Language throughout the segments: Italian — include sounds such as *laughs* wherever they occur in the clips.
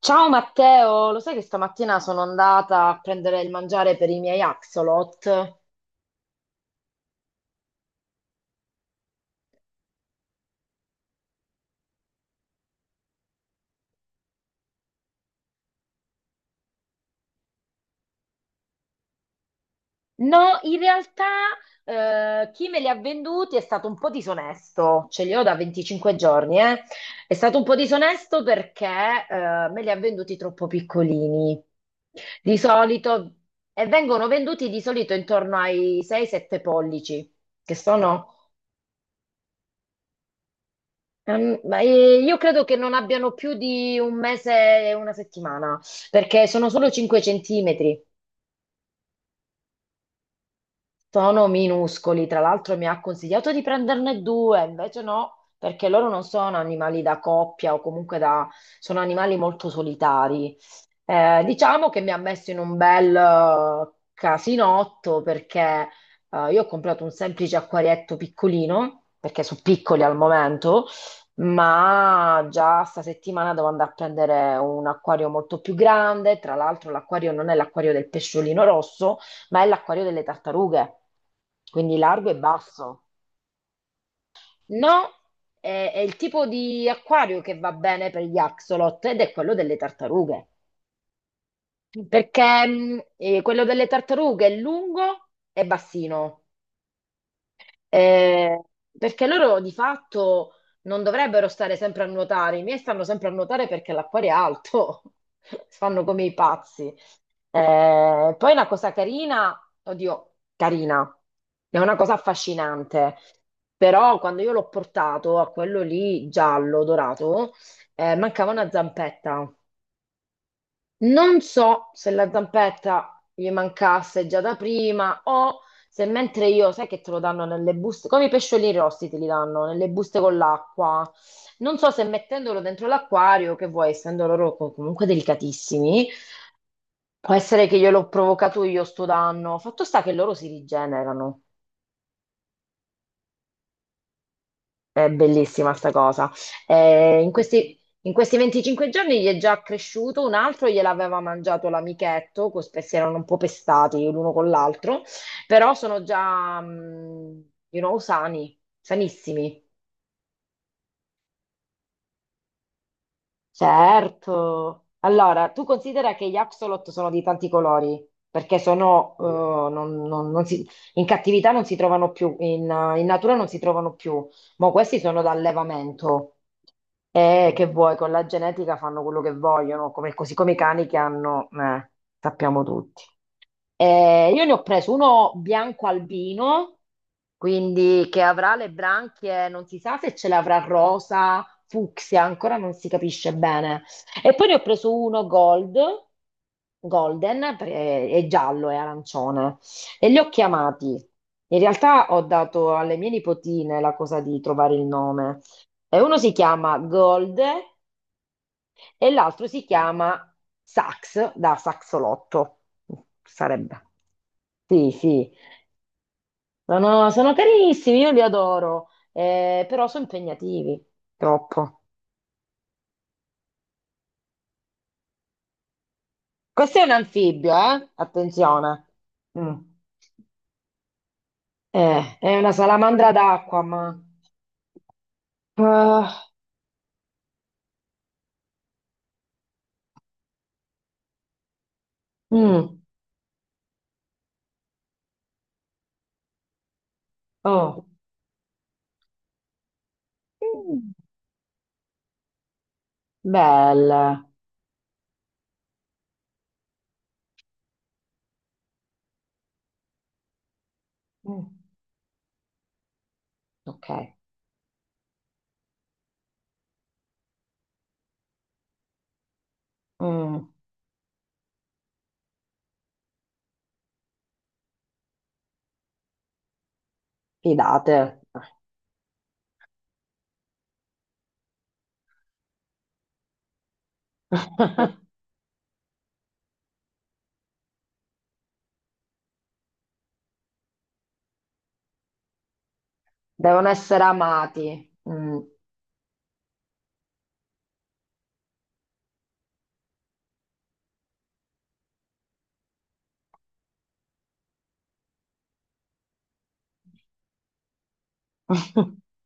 Ciao Matteo, lo sai che stamattina sono andata a prendere il mangiare per i miei axolot? No, in realtà chi me li ha venduti è stato un po' disonesto, ce li ho da 25 giorni, eh. È stato un po' disonesto perché me li ha venduti troppo piccolini. Di solito, e vengono venduti di solito intorno ai 6-7 pollici, che sono... ma, io credo che non abbiano più di un mese e una settimana, perché sono solo 5 centimetri. Sono minuscoli, tra l'altro mi ha consigliato di prenderne due, invece no, perché loro non sono animali da coppia o comunque da... sono animali molto solitari. Diciamo che mi ha messo in un bel casinotto, perché io ho comprato un semplice acquarietto piccolino, perché sono piccoli al momento, ma già sta settimana devo andare a prendere un acquario molto più grande. Tra l'altro, l'acquario non è l'acquario del pesciolino rosso, ma è l'acquario delle tartarughe, quindi largo e basso. No, è il tipo di acquario che va bene per gli axolot ed è quello delle tartarughe, perché quello delle tartarughe è lungo e bassino. Eh, perché loro di fatto non dovrebbero stare sempre a nuotare, i miei stanno sempre a nuotare perché l'acquario è alto, *laughs* fanno come i pazzi. Poi una cosa carina, oddio, carina, è una cosa affascinante, però quando io l'ho portato, a quello lì giallo dorato, mancava una zampetta. Non so se la zampetta gli mancasse già da prima o se mentre io, sai che te lo danno nelle buste, come i pesciolini rossi te li danno nelle buste con l'acqua. Non so se mettendolo dentro l'acquario, che vuoi, essendo loro comunque delicatissimi, può essere che gliel'ho provocato io sto danno. Fatto sta che loro si rigenerano. È bellissima sta cosa. In questi 25 giorni gli è già cresciuto, un altro gliel'aveva mangiato l'amichetto, così si erano un po' pestati l'uno con l'altro, però sono già, sani, sanissimi. Certo. Allora, tu considera che gli axolot sono di tanti colori, perché sono, non- non- non si- in cattività non si trovano più, in natura non si trovano più, ma questi sono d'allevamento. Che vuoi, con la genetica fanno quello che vogliono, così come i cani, che hanno, sappiamo tutti. Io ne ho preso uno bianco albino, quindi che avrà le branchie, non si sa se ce l'avrà rosa, fucsia, ancora non si capisce bene. E poi ne ho preso uno gold, golden, perché è giallo e arancione, e li ho chiamati. In realtà ho dato alle mie nipotine la cosa di trovare il nome. E uno si chiama Gold e l'altro si chiama Sax, da Saxolotto, sarebbe. Sì, sì, sono carissimi, io li adoro, però sono impegnativi, troppo. Questo è un anfibio, eh? Attenzione. Mm. È una salamandra d'acqua, ma... Ah, mm, oh. Mm, belle. Mm, ok. Mm, fidate. *laughs* Devono essere amati. Mm. *laughs*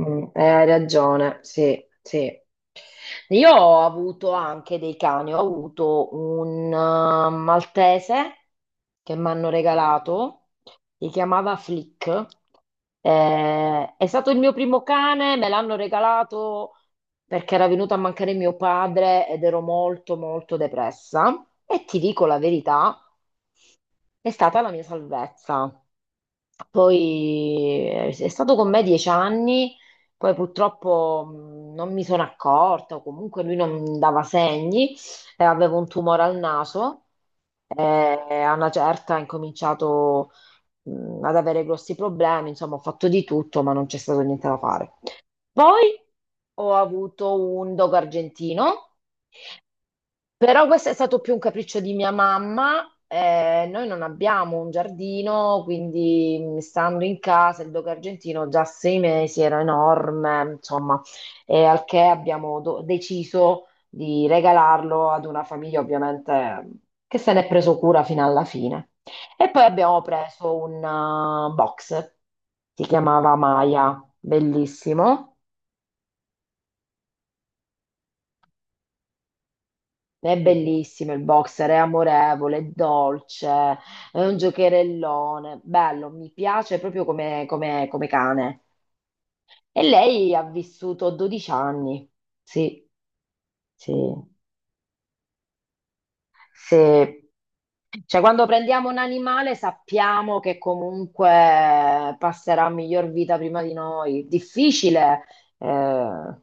Mm, hai ragione, sì, sì. Io ho avuto anche dei cani, ho avuto un maltese che mi hanno regalato, si chiamava Flick. È stato il mio primo cane, me l'hanno regalato perché era venuto a mancare mio padre ed ero molto molto depressa. E ti dico la verità, è stata la mia salvezza. Poi è stato con me 10 anni, poi purtroppo non mi sono accorta, o comunque lui non dava segni, avevo un tumore al naso e a una certa ho incominciato ad avere grossi problemi, insomma ho fatto di tutto, ma non c'è stato niente da fare. Poi ho avuto un dogo argentino, però questo è stato più un capriccio di mia mamma. Noi non abbiamo un giardino, quindi stando in casa il dogo argentino già a 6 mesi era enorme. Insomma, e al che abbiamo deciso di regalarlo ad una famiglia, ovviamente, che se ne è preso cura fino alla fine. E poi abbiamo preso un box, si chiamava Maya, bellissimo. È bellissimo il boxer, è amorevole, è dolce, è un giocherellone, bello, mi piace proprio come cane. E lei ha vissuto 12 anni. Sì, sì, sì. Cioè, quando prendiamo un animale sappiamo che comunque passerà miglior vita prima di noi. Difficile, eh,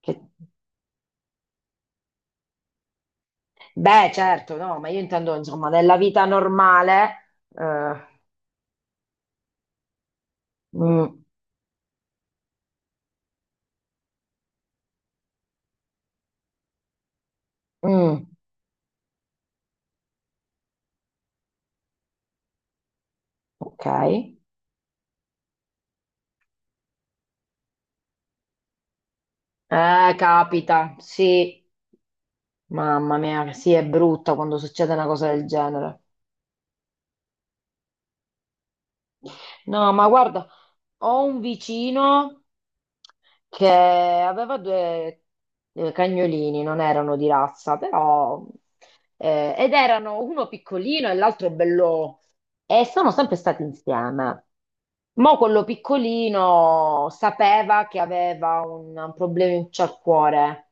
che- beh, certo, no, ma io intendo, insomma, nella vita normale... eh, Mm, mm. Ok. Capita, sì. Mamma mia, sì, è brutta quando succede una cosa del genere. No, ma guarda, ho un vicino che aveva due cagnolini, non erano di razza, però... ed erano uno piccolino e l'altro bello... E sono sempre stati insieme. Mo' quello piccolino sapeva che aveva un problema al cuore.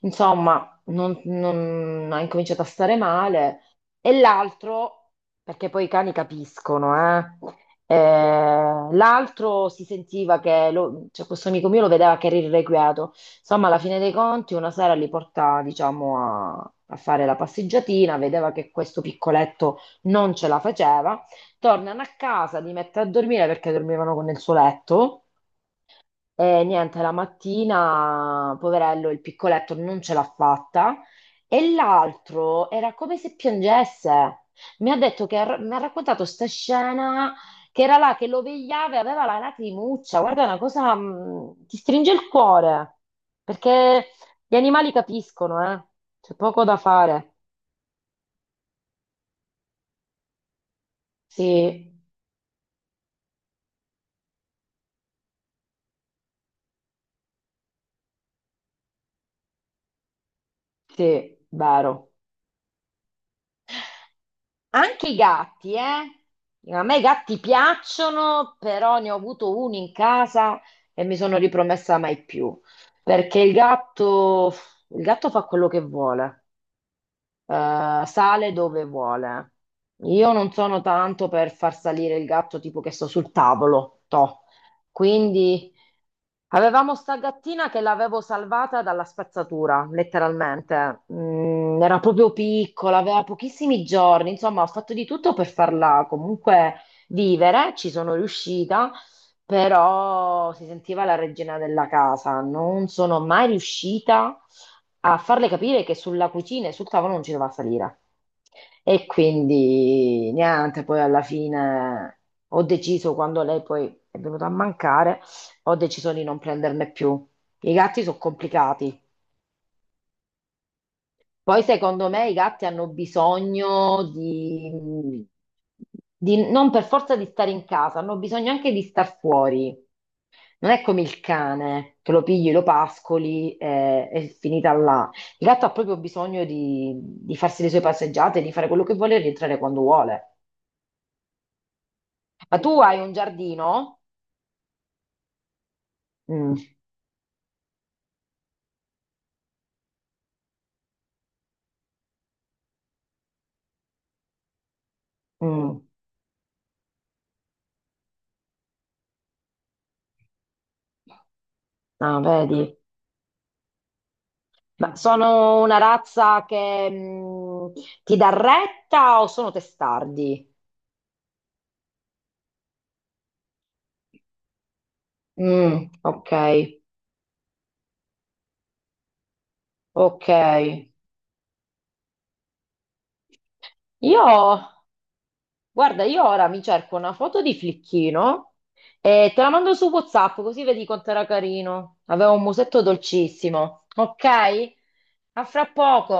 Insomma, ha incominciato a stare male. E l'altro, perché poi i cani capiscono, eh? Eh, l'altro si sentiva che cioè, questo amico mio lo vedeva che era irrequieto. Insomma, alla fine dei conti, una sera li porta, diciamo, a fare la passeggiatina, vedeva che questo piccoletto non ce la faceva. Tornano a casa, li mette a dormire perché dormivano con il suo letto. E niente, la mattina, poverello, il piccoletto non ce l'ha fatta e l'altro era come se piangesse. Mi ha detto, che mi ha raccontato sta scena, che era là che lo vegliava e aveva la lacrimuccia. Guarda, è una cosa ti stringe il cuore perché gli animali capiscono, eh? C'è poco da fare. Sì, sì, vero. Anche i gatti, eh? A me i gatti piacciono, però ne ho avuto uno in casa e mi sono ripromessa mai più, perché il gatto fa quello che vuole, sale dove vuole. Io non sono tanto per far salire il gatto tipo che sto sul tavolo, toh. Quindi, avevamo sta gattina che l'avevo salvata dalla spazzatura, letteralmente. Era proprio piccola, aveva pochissimi giorni, insomma, ho fatto di tutto per farla comunque vivere, ci sono riuscita, però si sentiva la regina della casa. Non sono mai riuscita a farle capire che sulla cucina e sul tavolo non ci doveva salire. E quindi niente, poi alla fine ho deciso, quando lei poi è venuta a mancare, ho deciso di non prenderne più. I gatti sono complicati. Poi secondo me i gatti hanno bisogno non per forza di stare in casa, hanno bisogno anche di star fuori. Non è come il cane, che lo pigli, lo pascoli e è finita là. Il gatto ha proprio bisogno di, farsi le sue passeggiate, di fare quello che vuole e rientrare quando vuole. Ma tu hai un giardino? Mm, mm. No, vedi. Ma sono una razza che ti dà retta o sono testardi? Mm, ok, ok. Io, guarda, io ora mi cerco una foto di Flicchino e te la mando su WhatsApp, così vedi quanto era carino. Aveva un musetto dolcissimo. Ok? A fra poco.